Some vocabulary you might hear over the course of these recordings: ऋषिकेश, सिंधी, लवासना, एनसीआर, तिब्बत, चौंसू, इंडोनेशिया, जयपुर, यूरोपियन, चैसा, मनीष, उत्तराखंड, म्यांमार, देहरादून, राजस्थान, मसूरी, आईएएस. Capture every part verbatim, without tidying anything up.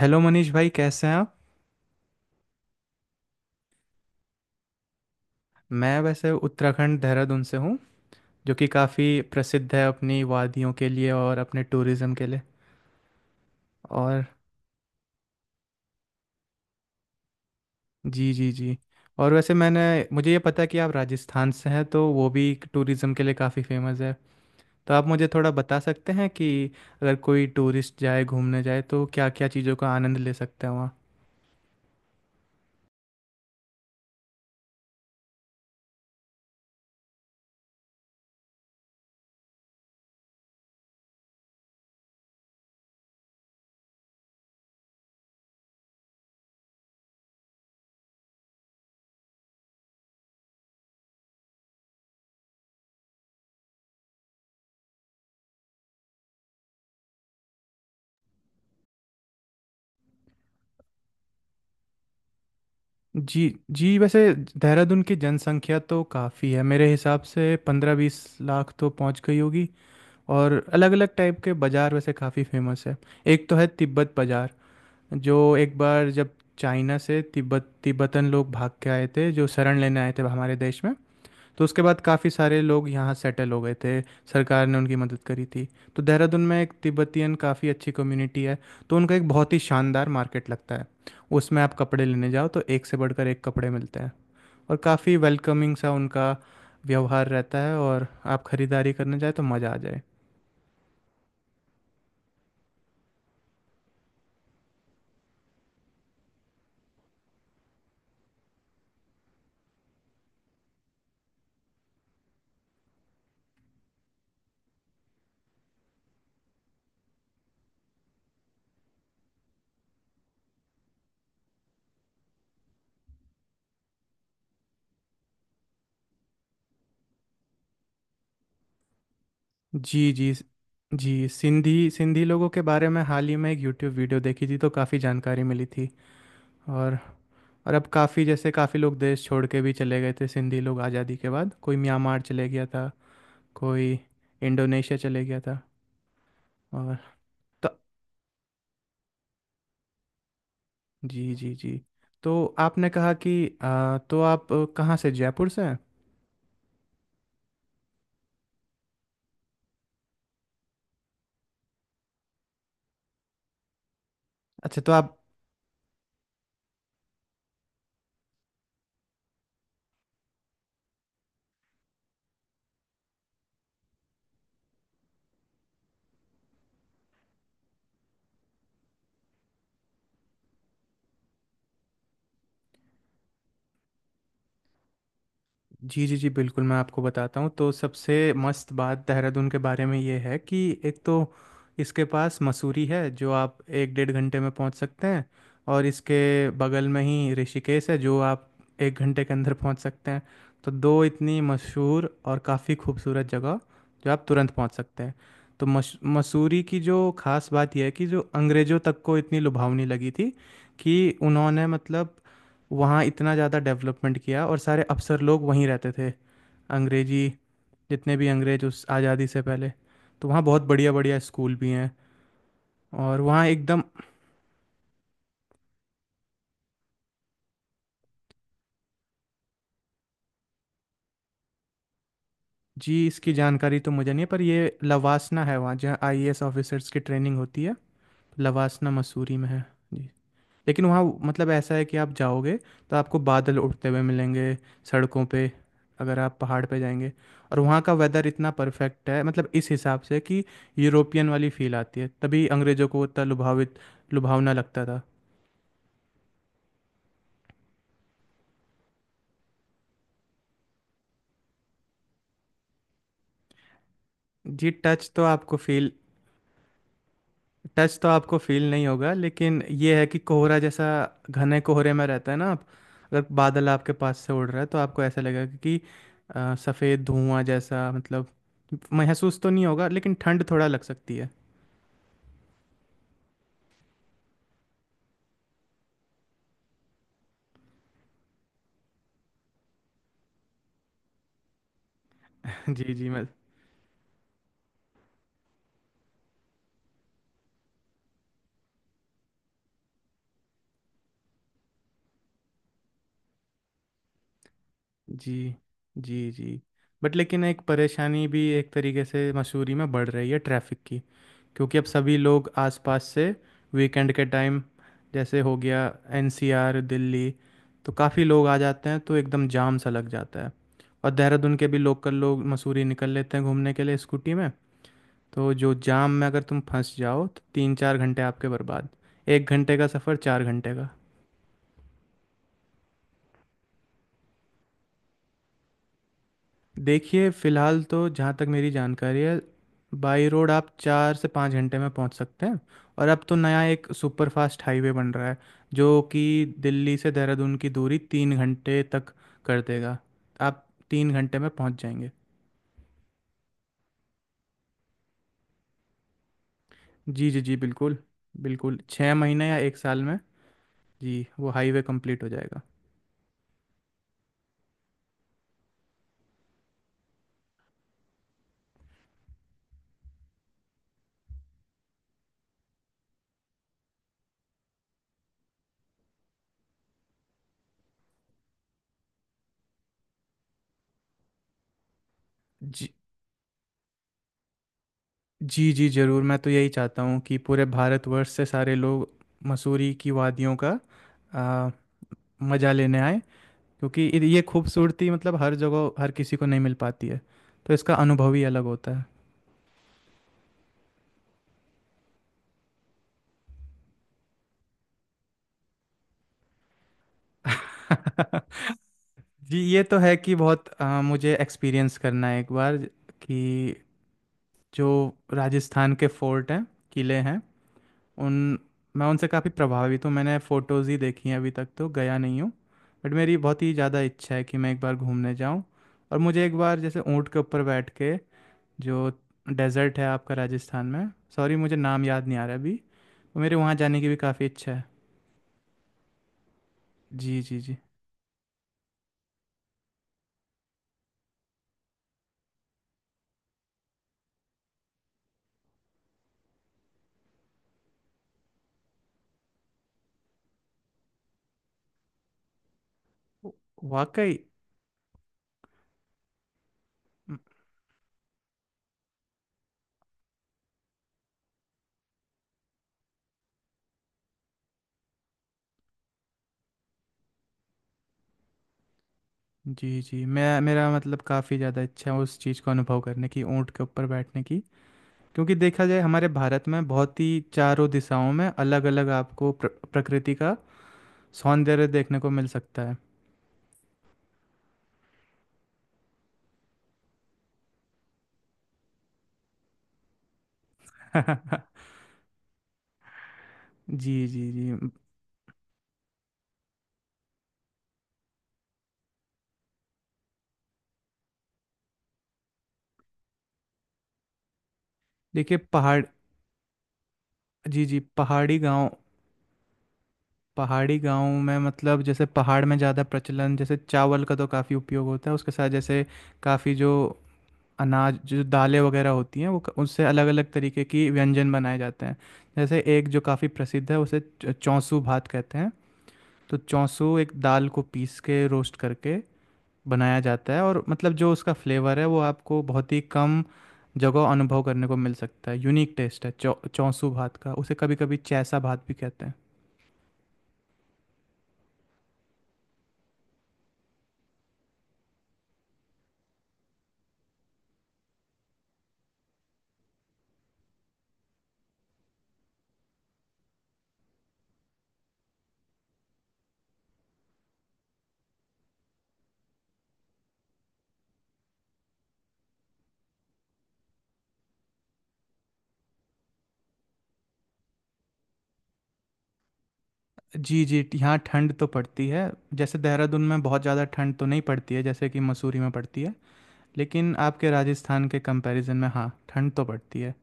Hello मनीष भाई, कैसे हैं आप। मैं वैसे उत्तराखंड देहरादून से हूँ, जो कि काफ़ी प्रसिद्ध है अपनी वादियों के लिए और अपने टूरिज़्म के लिए। और जी जी जी। और वैसे मैंने मुझे ये पता है कि आप राजस्थान से हैं, तो वो भी टूरिज़्म के लिए काफ़ी फेमस है। तो आप मुझे थोड़ा बता सकते हैं कि अगर कोई टूरिस्ट जाए, घूमने जाए, तो क्या क्या चीज़ों का आनंद ले सकते हैं वहाँ। जी जी, वैसे देहरादून की जनसंख्या तो काफ़ी है, मेरे हिसाब से पंद्रह बीस लाख तो पहुँच गई होगी। और अलग अलग टाइप के बाज़ार वैसे काफ़ी फेमस है एक तो है तिब्बत बाज़ार, जो एक बार जब चाइना से तिब्बत तिब्बतन लोग भाग के आए थे, जो शरण लेने आए थे हमारे देश में, तो उसके बाद काफ़ी सारे लोग यहाँ सेटल हो गए थे। सरकार ने उनकी मदद करी थी। तो देहरादून में एक तिब्बतियन काफ़ी अच्छी कम्युनिटी है। तो उनका एक बहुत ही शानदार मार्केट लगता है। उसमें आप कपड़े लेने जाओ तो एक से बढ़कर एक कपड़े मिलते हैं, और काफ़ी वेलकमिंग सा उनका व्यवहार रहता है, और आप खरीदारी करने जाए तो मज़ा आ जाए। जी जी जी। सिंधी सिंधी लोगों के बारे में हाल ही में एक यूट्यूब वीडियो देखी थी, तो काफ़ी जानकारी मिली थी। और और अब काफ़ी, जैसे काफ़ी लोग देश छोड़ के भी चले गए थे सिंधी लोग आज़ादी के बाद। कोई म्यांमार चले गया था, कोई इंडोनेशिया चले गया था। और तो जी जी जी। तो आपने कहा कि आ, तो आप, अ, कहाँ से, जयपुर से हैं। अच्छा तो आप। जी जी जी, बिल्कुल मैं आपको बताता हूँ। तो सबसे मस्त बात देहरादून के बारे में ये है कि एक तो इसके पास मसूरी है, जो आप एक डेढ़ घंटे में पहुँच सकते हैं। और इसके बगल में ही ऋषिकेश है, जो आप एक घंटे के अंदर पहुँच सकते हैं। तो दो इतनी मशहूर और काफ़ी खूबसूरत जगह, जो आप तुरंत पहुँच सकते हैं। तो मश मसूरी की जो खास बात यह है कि जो अंग्रेज़ों तक को इतनी लुभावनी लगी थी कि उन्होंने, मतलब, वहाँ इतना ज़्यादा डेवलपमेंट किया और सारे अफसर लोग वहीं रहते थे। अंग्रेजी, जितने भी अंग्रेज उस आज़ादी से पहले। तो वहाँ बहुत बढ़िया बढ़िया स्कूल भी हैं, और वहाँ एकदम। जी, इसकी जानकारी तो मुझे नहीं है, पर ये लवासना है वहाँ, जहाँ आई ए एस ऑफिसर्स की ट्रेनिंग होती है। लवासना मसूरी में है। जी, लेकिन वहाँ, मतलब, ऐसा है कि आप जाओगे तो आपको बादल उठते हुए मिलेंगे सड़कों पे, अगर आप पहाड़ पे जाएंगे। और वहाँ का वेदर इतना परफेक्ट है, मतलब इस हिसाब से कि यूरोपियन वाली फील आती है, तभी अंग्रेज़ों को वो इतना लुभावित लुभावना लगता था। जी टच तो आपको फील टच तो आपको फील नहीं होगा, लेकिन ये है कि कोहरा जैसा घने कोहरे में रहता है ना, आप अगर बादल आपके पास से उड़ रहा है तो आपको ऐसा लगेगा कि अ, सफ़ेद धुआं जैसा, मतलब महसूस तो नहीं होगा, लेकिन ठंड थोड़ा लग सकती है। जी जी मैं। जी जी जी। बट लेकिन एक परेशानी भी एक तरीके से मसूरी में बढ़ रही है, ट्रैफिक की, क्योंकि अब सभी लोग आसपास से वीकेंड के टाइम, जैसे हो गया एन सी आर दिल्ली, तो काफ़ी लोग आ जाते हैं, तो एकदम जाम सा लग जाता है। और देहरादून के भी लोकल लोग मसूरी निकल लेते हैं घूमने के लिए स्कूटी में। तो जो जाम में अगर तुम फंस जाओ तो तीन चार घंटे आपके बर्बाद। एक घंटे का सफ़र चार घंटे का। देखिए, फ़िलहाल तो जहाँ तक मेरी जानकारी है, बाई रोड आप चार से पाँच घंटे में पहुँच सकते हैं। और अब तो नया एक सुपर फास्ट हाईवे बन रहा है, जो कि दिल्ली से देहरादून की दूरी तीन घंटे तक कर देगा। आप तीन घंटे में पहुँच जाएंगे। जी जी जी, बिल्कुल। बिल्कुल, छः महीने या एक साल में। जी, वो हाईवे कंप्लीट हो जाएगा। जी जी जी, ज़रूर। मैं तो यही चाहता हूँ कि पूरे भारतवर्ष से सारे लोग मसूरी की वादियों का आ, मज़ा लेने आए। क्योंकि इ- ये खूबसूरती, मतलब, हर जगह हर किसी को नहीं मिल पाती है, तो इसका अनुभव ही अलग होता है। जी, ये तो है कि बहुत, अ, मुझे एक्सपीरियंस करना है एक बार, कि जो राजस्थान के फोर्ट हैं, किले हैं, उन, मैं उनसे काफ़ी प्रभावित हूँ। मैंने फ़ोटोज़ ही देखी हैं, अभी तक तो गया नहीं हूँ। बट मेरी बहुत ही ज़्यादा इच्छा है कि मैं एक बार घूमने जाऊँ, और मुझे एक बार, जैसे ऊँट के ऊपर बैठ के, जो डेजर्ट है आपका राजस्थान में, सॉरी मुझे नाम याद नहीं आ रहा अभी, तो मेरे वहाँ जाने की भी काफ़ी इच्छा है। जी जी जी। वाकई। जी जी मैं, मेरा मतलब, काफ़ी ज़्यादा इच्छा है उस चीज़ को अनुभव करने की, ऊँट के ऊपर बैठने की। क्योंकि देखा जाए हमारे भारत में बहुत ही चारों दिशाओं में अलग अलग आपको प्र, प्रकृति का सौंदर्य देखने को मिल सकता है। जी जी जी। देखिए, पहाड़। जी जी, पहाड़ी गांव। पहाड़ी गांव में, मतलब, जैसे पहाड़ में ज़्यादा प्रचलन जैसे चावल का, तो काफ़ी उपयोग होता है। उसके साथ जैसे काफ़ी जो अनाज, जो दालें वगैरह होती हैं, वो, क- उससे अलग अलग तरीके की व्यंजन बनाए जाते हैं। जैसे एक जो काफ़ी प्रसिद्ध है, उसे च- चौंसू भात कहते हैं। तो चौंसू एक दाल को पीस के रोस्ट करके बनाया जाता है, और मतलब जो उसका फ्लेवर है वो आपको बहुत ही कम जगह अनुभव करने को मिल सकता है। यूनिक टेस्ट है चौ चौंसू भात का, उसे कभी कभी चैसा भात भी कहते हैं। जी जी, यहाँ ठंड तो पड़ती है। जैसे देहरादून में बहुत ज़्यादा ठंड तो नहीं पड़ती है, जैसे कि मसूरी में पड़ती है, लेकिन आपके राजस्थान के कंपैरिजन में, हाँ, ठंड तो पड़ती है।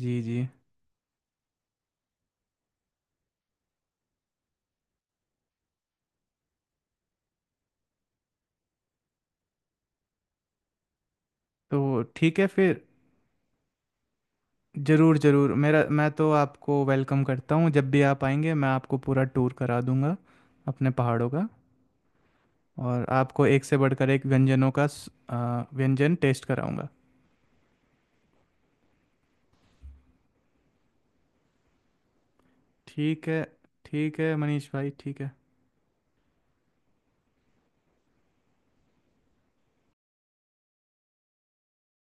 जी जी। तो ठीक है फिर। ज़रूर ज़रूर, मेरा, मैं तो आपको वेलकम करता हूँ। जब भी आप आएंगे मैं आपको पूरा टूर करा दूंगा अपने पहाड़ों का। और आपको एक से बढ़कर एक व्यंजनों का स- आ, व्यंजन टेस्ट कराऊंगा। ठीक है। ठीक है मनीष भाई, ठीक है।